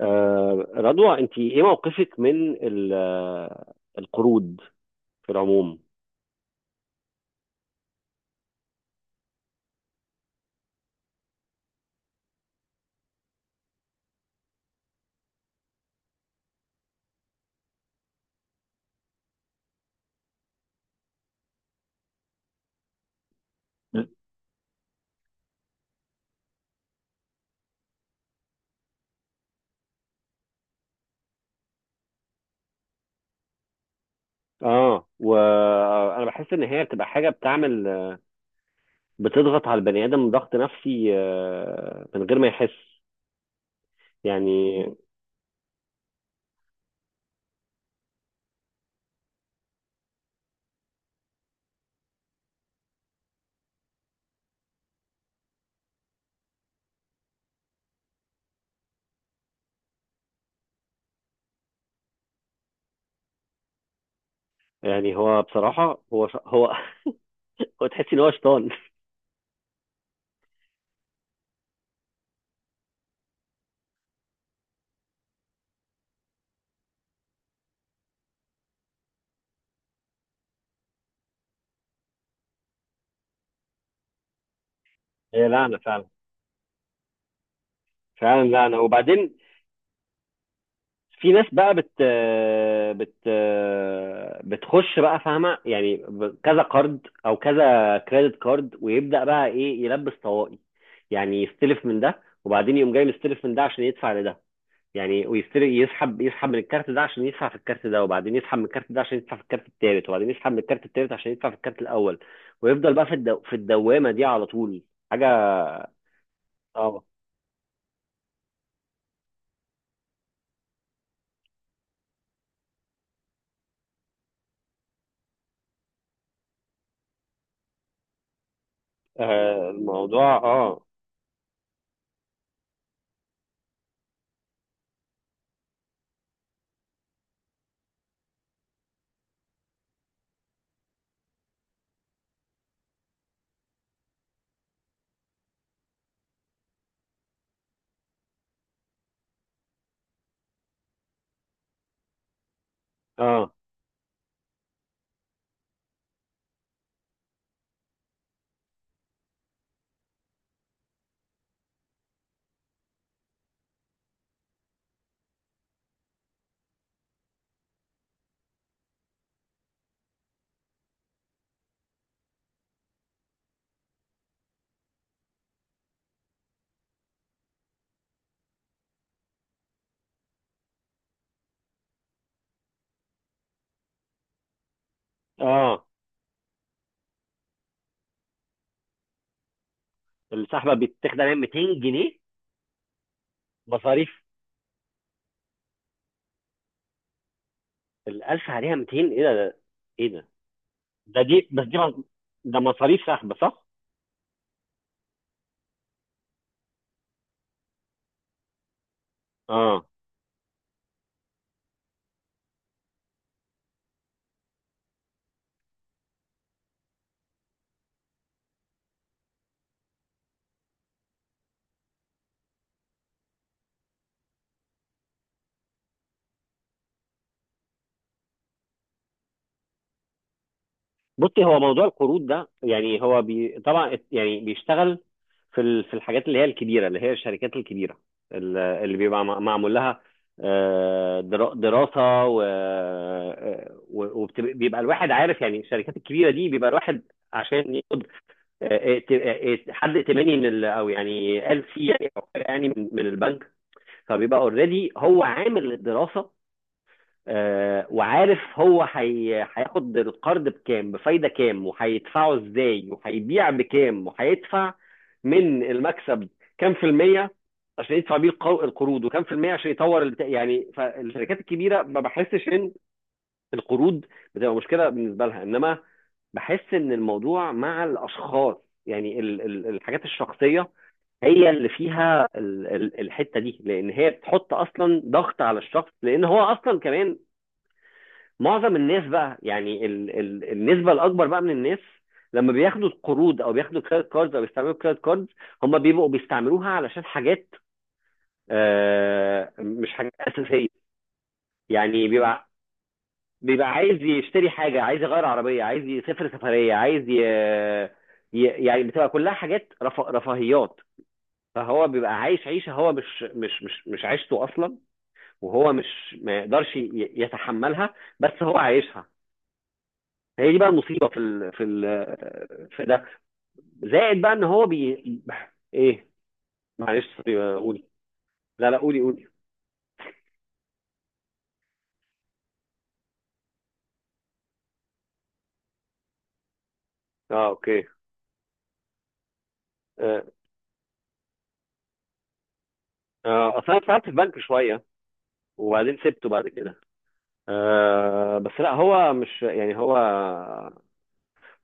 رضوى، انت ايه موقفك من القروض في العموم؟ اه، وانا بحس ان هي بتبقى حاجه بتضغط على البني ادم ضغط نفسي من غير ما يحس، يعني. يعني هو بصراحه، هو هو، تحس ان هو شيطان. هي لعنة فعلا. فعلا. لا انا، وبعدين في ناس بقى بت بت بتخش بقى، فاهمه؟ يعني كذا كارد او كذا كريدت كارد، ويبدا بقى ايه؟ يلبس طواقي. يعني يستلف من ده، وبعدين يقوم جاي مستلف من ده عشان يدفع لده. يعني ويستلف، يسحب من الكارت ده عشان يدفع في الكارت ده، وبعدين يسحب من الكارت ده عشان يدفع في الكارت التالت، وبعدين يسحب من الكارت التالت عشان يدفع في الكارت الاول. ويفضل بقى في الدوامه دي على طول. حاجه صعبه. آه، الموضوع. اه. اه. اه. السحبه بتاخد عليها 200 جنيه؟ مصاريف؟ ال 1000 عليها 200؟ إيه إيه ده؟ ده دي بس دي مص- ده مصاريف سحب، صح؟ اه. بصي، هو موضوع القروض ده، يعني هو بي طبعا، يعني بيشتغل في الحاجات اللي هي الكبيره، اللي هي الشركات الكبيره، اللي بيبقى معمول لها دراسه و... وبيبقى الواحد عارف، يعني الشركات الكبيره دي، بيبقى الواحد عشان ياخد حد ائتماني من او يعني، قال فيه، يعني، أو حاجة، يعني، من البنك. فبيبقى اوريدي هو عامل الدراسه، وعارف هو هياخد القرض بكام، بفايده كام، وهيدفعه ازاي، وهيبيع بكام، وهيدفع من المكسب كام في الميه عشان يدفع بيه القروض، وكام في الميه عشان يطور البتاع، يعني. فالشركات الكبيره ما بحسش ان القروض بتبقى مشكله بالنسبه لها، انما بحس ان الموضوع مع الاشخاص، يعني الحاجات الشخصيه، هي اللي فيها الحته دي، لان هي بتحط اصلا ضغط على الشخص، لان هو اصلا كمان، معظم الناس بقى، يعني النسبه الاكبر بقى من الناس، لما بياخدوا القروض او بياخدوا كريدت كاردز او بيستعملوا كريدت كاردز، هم بيبقوا بيستعملوها علشان حاجات مش حاجات اساسيه، يعني بيبقى عايز يشتري حاجة، عايز يغير عربية، عايز يسافر سفرية، عايز يعني بتبقى كلها حاجات رفاهيات. فهو بيبقى عايش عيشة هو مش عيشته أصلا، وهو مش ما يقدرش يتحملها، بس هو عايشها. هي دي بقى المصيبة في ده. زائد بقى إن هو إيه؟ معلش، سوري، قولي. لا لا، قولي قولي. اه، اوكي. اه. اصل انا اشتغلت في بنك شويه، وبعدين سبته بعد كده. بس لا، هو مش يعني هو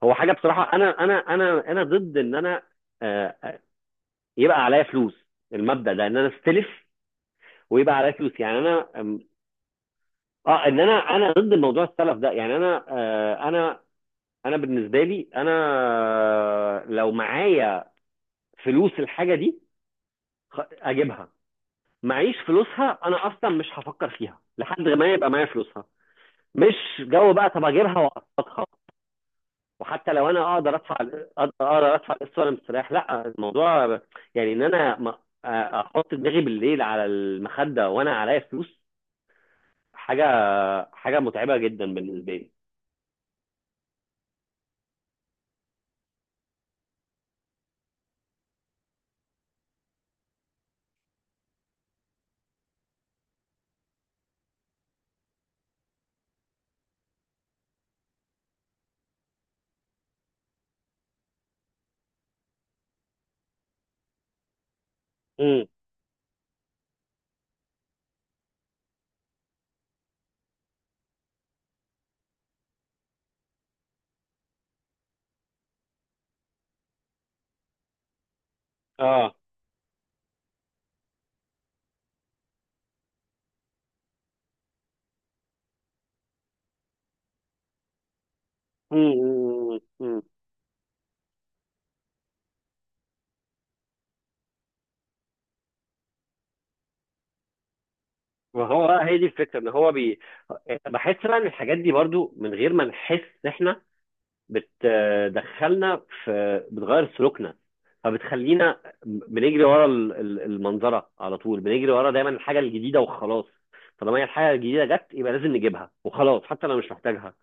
هو حاجه بصراحه، انا انا ضد ان انا آه يبقى عليا فلوس. المبدا ده ان انا استلف ويبقى عليا فلوس، يعني انا اه، ان انا ضد موضوع السلف ده، يعني انا، انا بالنسبه لي انا، لو معايا فلوس الحاجه دي اجيبها. معيش فلوسها، انا اصلا مش هفكر فيها لحد ما يبقى معايا فلوسها. مش جو بقى طب اجيبها واقسطها. وحتى لو انا اقدر ادفع القسط وانا مستريح، لا. الموضوع، يعني، ان انا احط دماغي بالليل على المخده وانا عليا فلوس، حاجه حاجه متعبه جدا بالنسبه لي. امم. اه. امم. امم. وهو بقى، هي دي الفكره، ان هو بي بحس بقى ان الحاجات دي برضو، من غير ما نحس احنا، بتدخلنا في، بتغير سلوكنا. فبتخلينا بنجري ورا المنظره على طول، بنجري ورا دايما الحاجه الجديده وخلاص. طالما هي الحاجه الجديده جت، يبقى لازم نجيبها وخلاص، حتى لو مش محتاجها.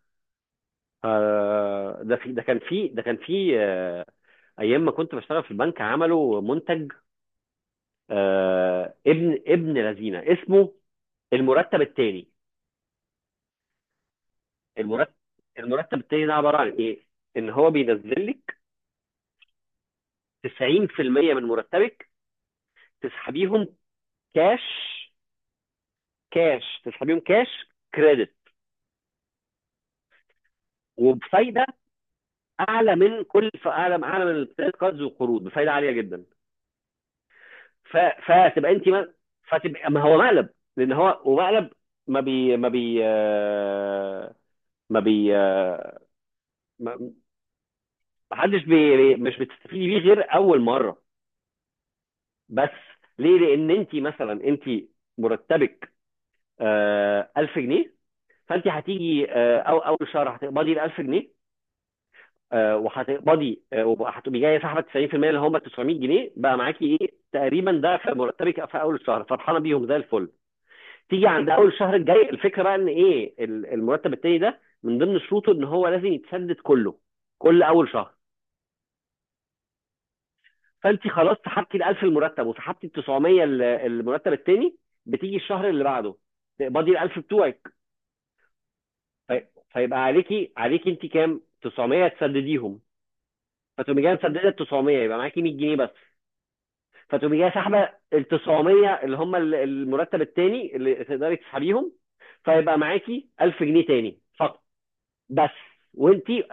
آه، ده في ده كان في ده كان في ايام ما كنت بشتغل في البنك، عملوا منتج ابن لذينه، اسمه المرتب الثاني. المرتب المرتب الثاني ده عباره عن ايه؟ ان هو بينزل لك 90% من مرتبك، تسحبيهم كاش. تسحب يوم كاش كريدت، وبفايده اعلى من كل اعلى اعلى من الكريدت كاردز والقروض، بفايده عاليه جدا. ف... فتبقى انت ما... فتبقى، ما هو مقلب. لان هو ومقلب، ما بي ما بي آه، ما بي آه، ما حدش مش بتستفيدي بيه غير اول مره بس. ليه؟ لان انت مثلا، مرتبك 1000 جنيه. فانت هتيجي او اول شهر هتقبضي ال 1000 جنيه. آه، وهتقبضي آه، وهتبقي جايه سحبه 90% اللي هم 900 جنيه. بقى معاكي ايه تقريبا ده في مرتبك في اول الشهر، فرحانه بيهم زي الفل. تيجي عند اول الشهر الجاي، الفكره بقى ان ايه؟ المرتب التاني ده، من ضمن شروطه ان هو لازم يتسدد كله كل اول شهر. فانت خلاص سحبتي ال 1000 المرتب، وسحبتي ال 900 المرتب التاني. بتيجي الشهر اللي بعده، تقبضي ال 1000 بتوعك. في- فيبقى عليكي انت كام؟ 900 تسدديهم. فتقومي جايه مسدده ال 900، يبقى معاكي 100 جنيه بس. فتقومي جايه سحبه ال 900، اللي هم المرتب التاني اللي تقدري تسحبيهم. فيبقى معاكي 1000 جنيه تاني فقط بس. وانتي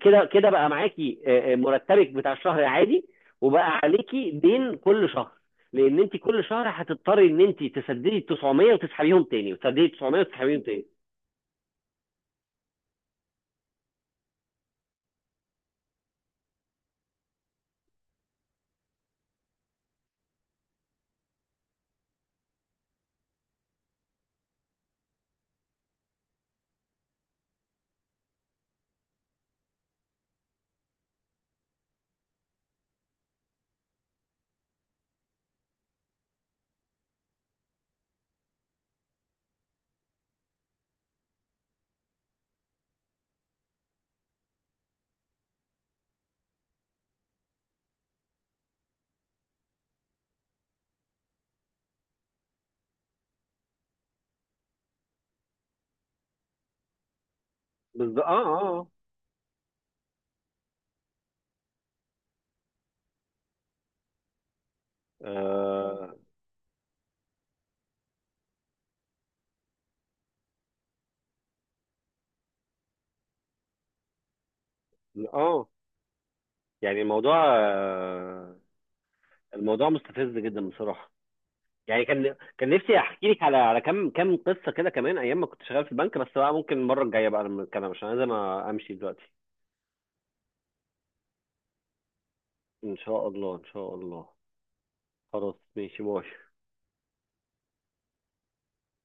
كده كده بقى معاكي مرتبك بتاع الشهر العادي، وبقى عليكي دين كل شهر. لان انت كل شهر هتضطري ان انت تسددي 900 وتسحبيهم تاني، وتسددي 900 وتسحبيهم تاني. بالظبط. اه. اه. اه. اه. يعني الموضوع، الموضوع مستفز جدا بصراحة. يعني كان نفسي احكي لك على كم قصه كده كمان، ايام ما كنت شغال في البنك، بس بقى ممكن المره الجايه بقى لما نتكلم، عشان لازم امشي دلوقتي. ان شاء الله، ان شاء الله. خلاص، ماشي، باي.